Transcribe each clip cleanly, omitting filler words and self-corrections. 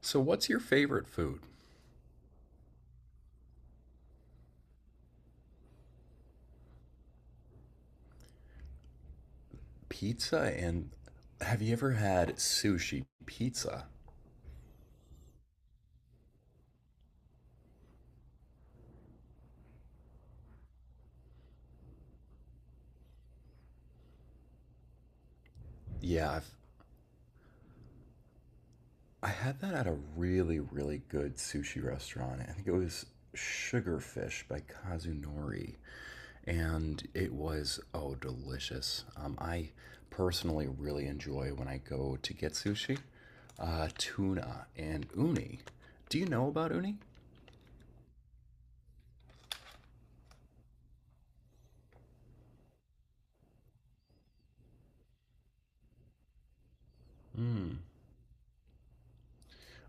So, what's your favorite food? Pizza and. Have you ever had sushi pizza? Yeah, I had that at a really, really good sushi restaurant. I think it was Sugarfish by Kazunori, and it was, oh, delicious. I personally really enjoy when I go to get sushi, tuna and uni. Do you know about uni?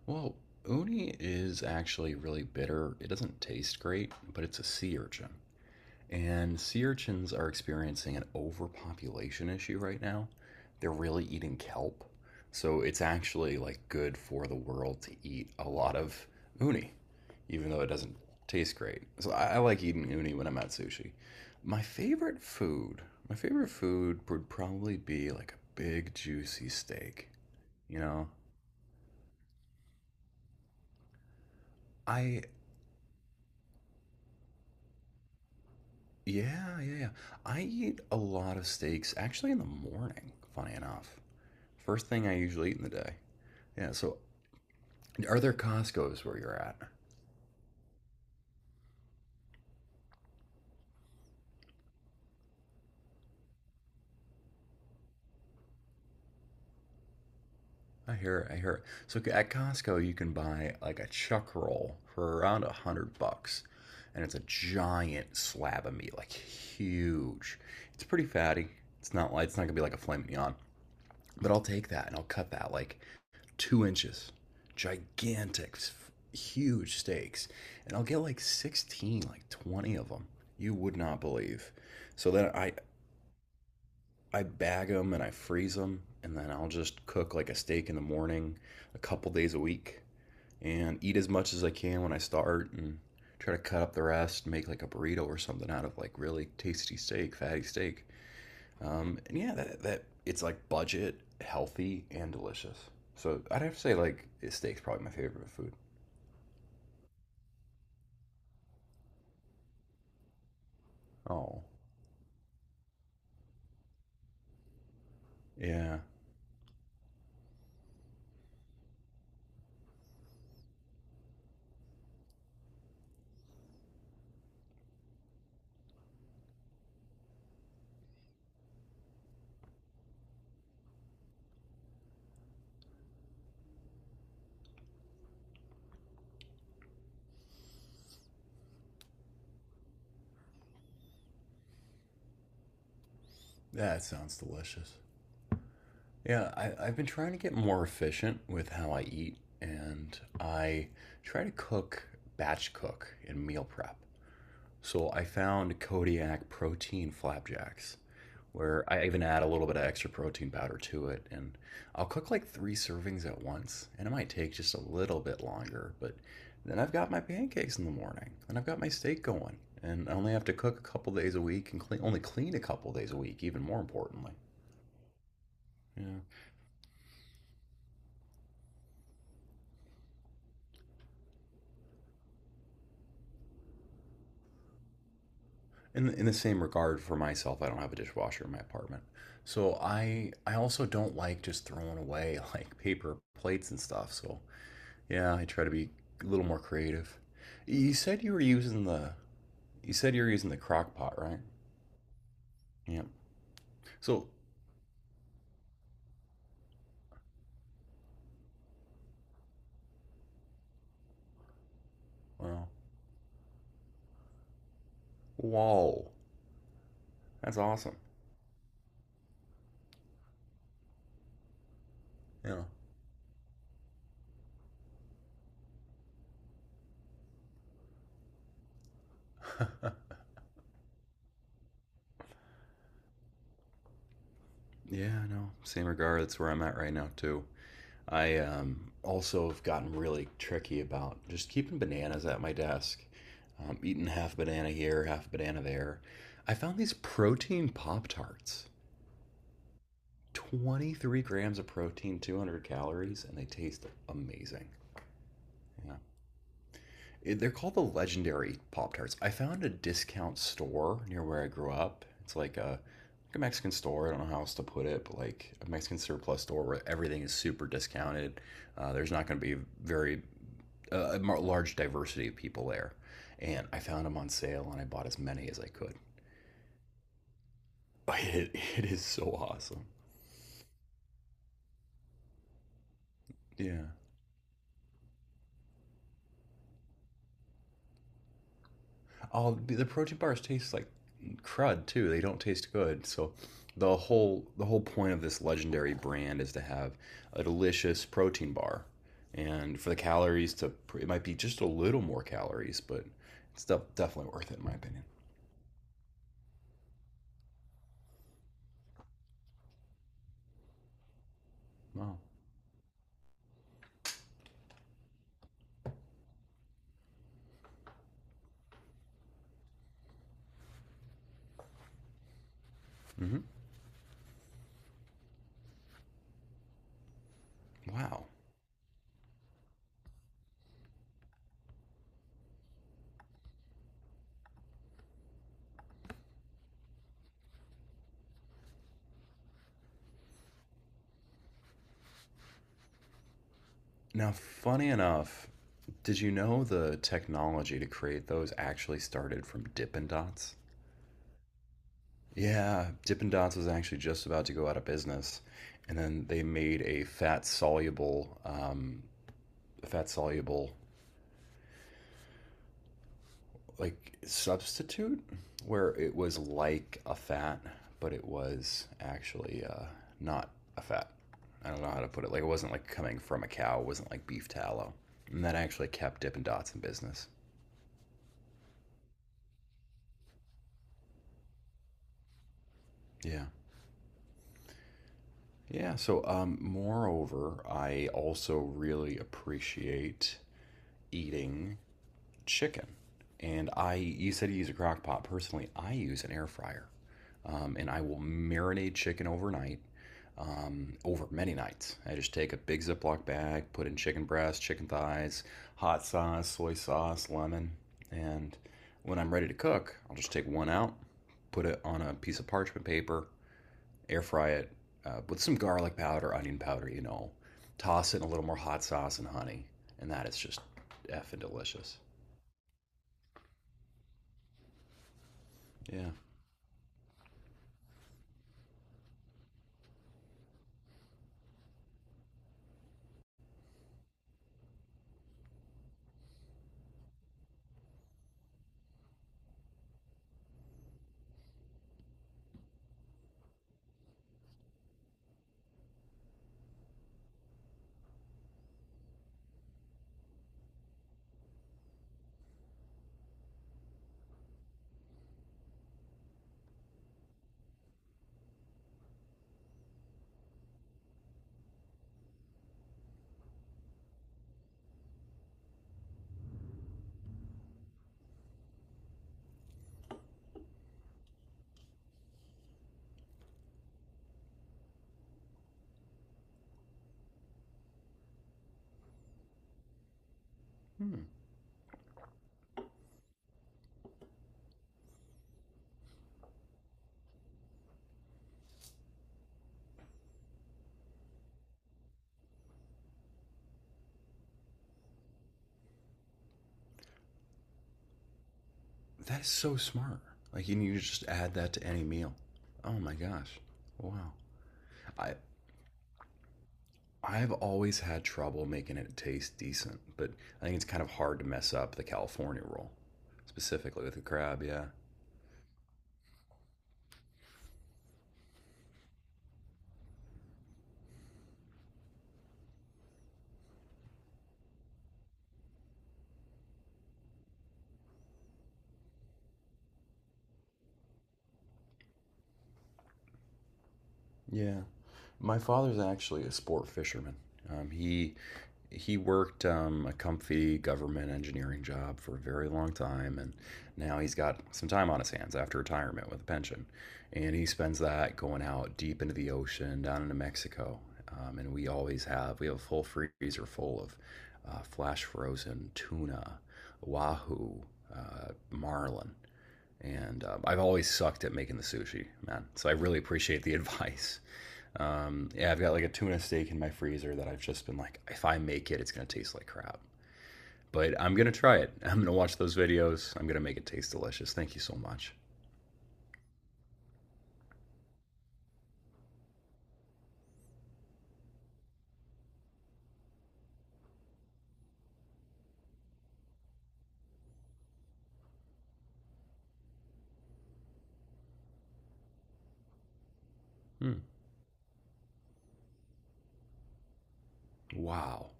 Well, uni is actually really bitter. It doesn't taste great, but it's a sea urchin. And sea urchins are experiencing an overpopulation issue right now. They're really eating kelp. So it's actually like good for the world to eat a lot of uni, even though it doesn't taste great. So I like eating uni when I'm at sushi. My favorite food, my favorite food would probably be like a big juicy steak. You know, I Yeah, yeah, yeah. I eat a lot of steaks actually in the morning, funny enough. First thing I usually eat in the day. Yeah, so are there Costco's where you're at? I hear it, I hear it. So at Costco you can buy like a chuck roll for around $100. And it's a giant slab of meat, like huge. It's pretty fatty. It's not like it's not gonna be like a filet mignon. But I'll take that and I'll cut that like 2 inches, gigantic, huge steaks, and I'll get like 16, like 20 of them. You would not believe. So then I bag them and I freeze them, and then I'll just cook like a steak in the morning, a couple days a week, and eat as much as I can when I start, and try to cut up the rest, make like a burrito or something out of like really tasty steak, fatty steak. And yeah, that it's like budget, healthy, and delicious. So I'd have to say like steak's probably my favorite food. Oh, yeah, that sounds delicious. Yeah, I've been trying to get more efficient with how I eat, and I try to cook batch cook and meal prep. So I found Kodiak protein flapjacks, where I even add a little bit of extra protein powder to it. And I'll cook like three servings at once, and it might take just a little bit longer, but then I've got my pancakes in the morning, and I've got my steak going, and I only have to cook a couple days a week and clean, only clean a couple days a week, even more importantly. Yeah. In the same regard for myself, I don't have a dishwasher in my apartment. So I also don't like just throwing away like paper plates and stuff. So yeah, I try to be a little more creative. You said you were using the You said you're using the crock pot, right? Yeah. So, well, whoa, that's awesome. Yeah. Yeah, I know. Same regard. That's where I'm at right now too. I also have gotten really tricky about just keeping bananas at my desk. Eating half banana here, half banana there. I found these protein pop tarts. 23 grams of protein, 200 calories, and they taste amazing. Yeah. They're called the legendary Pop Tarts. I found a discount store near where I grew up. It's like a Mexican store. I don't know how else to put it, but like a Mexican surplus store where everything is super discounted. There's not going to be very a large diversity of people there. And I found them on sale and I bought as many as I could. It, it is so awesome. Yeah. All the protein bars taste like crud too. They don't taste good. So the whole point of this legendary brand is to have a delicious protein bar, and for the calories to it might be just a little more calories, but it's definitely worth it in my opinion. Wow. Hmm. Wow. Now, funny enough, did you know the technology to create those actually started from Dippin' Dots? Yeah, Dippin' Dots was actually just about to go out of business, and then they made a fat soluble like substitute where it was like a fat, but it was actually not a fat. I don't know how to put it. Like it wasn't like coming from a cow. It wasn't like beef tallow, and that actually kept Dippin' Dots in business. Yeah. Yeah, so moreover, I also really appreciate eating chicken. You said you use a crock pot. Personally, I use an air fryer. And I will marinate chicken overnight, over many nights. I just take a big Ziploc bag, put in chicken breasts, chicken thighs, hot sauce, soy sauce, lemon. And when I'm ready to cook, I'll just take one out, put it on a piece of parchment paper, air fry it with some garlic powder, onion powder, you know, toss it in a little more hot sauce and honey. And that is just effing delicious. Yeah. Hmm. That is so smart. Like you need to just add that to any meal. Oh my gosh. Wow. I I've always had trouble making it taste decent, but I think it's kind of hard to mess up the California roll, specifically with the crab. Yeah. Yeah. My father's actually a sport fisherman. Um, he he worked a comfy government engineering job for a very long time, and now he's got some time on his hands after retirement with a pension. And he spends that going out deep into the ocean down into Mexico. And we have a full freezer full of flash frozen tuna, wahoo, marlin. And I've always sucked at making the sushi, man. So I really appreciate the advice. Yeah, I've got like a tuna steak in my freezer that I've just been like, if I make it, it's gonna taste like crap. But I'm gonna try it. I'm gonna watch those videos. I'm gonna make it taste delicious. Thank you so much. Hmm. Wow.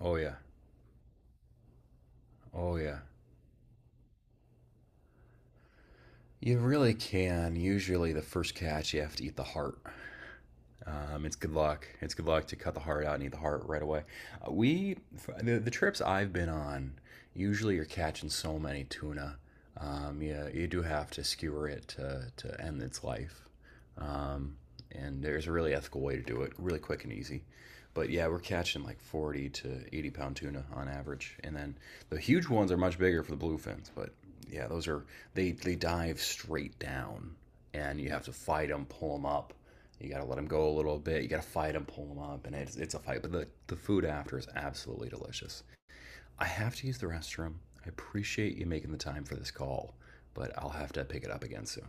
Oh yeah. Oh yeah. You really can. Usually, the first catch, you have to eat the heart. It's good luck. It's good luck to cut the heart out and eat the heart right away. Uh, we, the trips I've been on, usually you're catching so many tuna. Yeah, you do have to skewer it to end its life. And there's a really ethical way to do it, really quick and easy. But yeah, we're catching like 40 to 80 pound tuna on average, and then the huge ones are much bigger for the bluefins. But yeah, those are they dive straight down, and you have to fight them, pull them up. You got to let them go a little bit. You got to fight them, pull them up, and it's a fight. But the food after is absolutely delicious. I have to use the restroom. I appreciate you making the time for this call, but I'll have to pick it up again soon.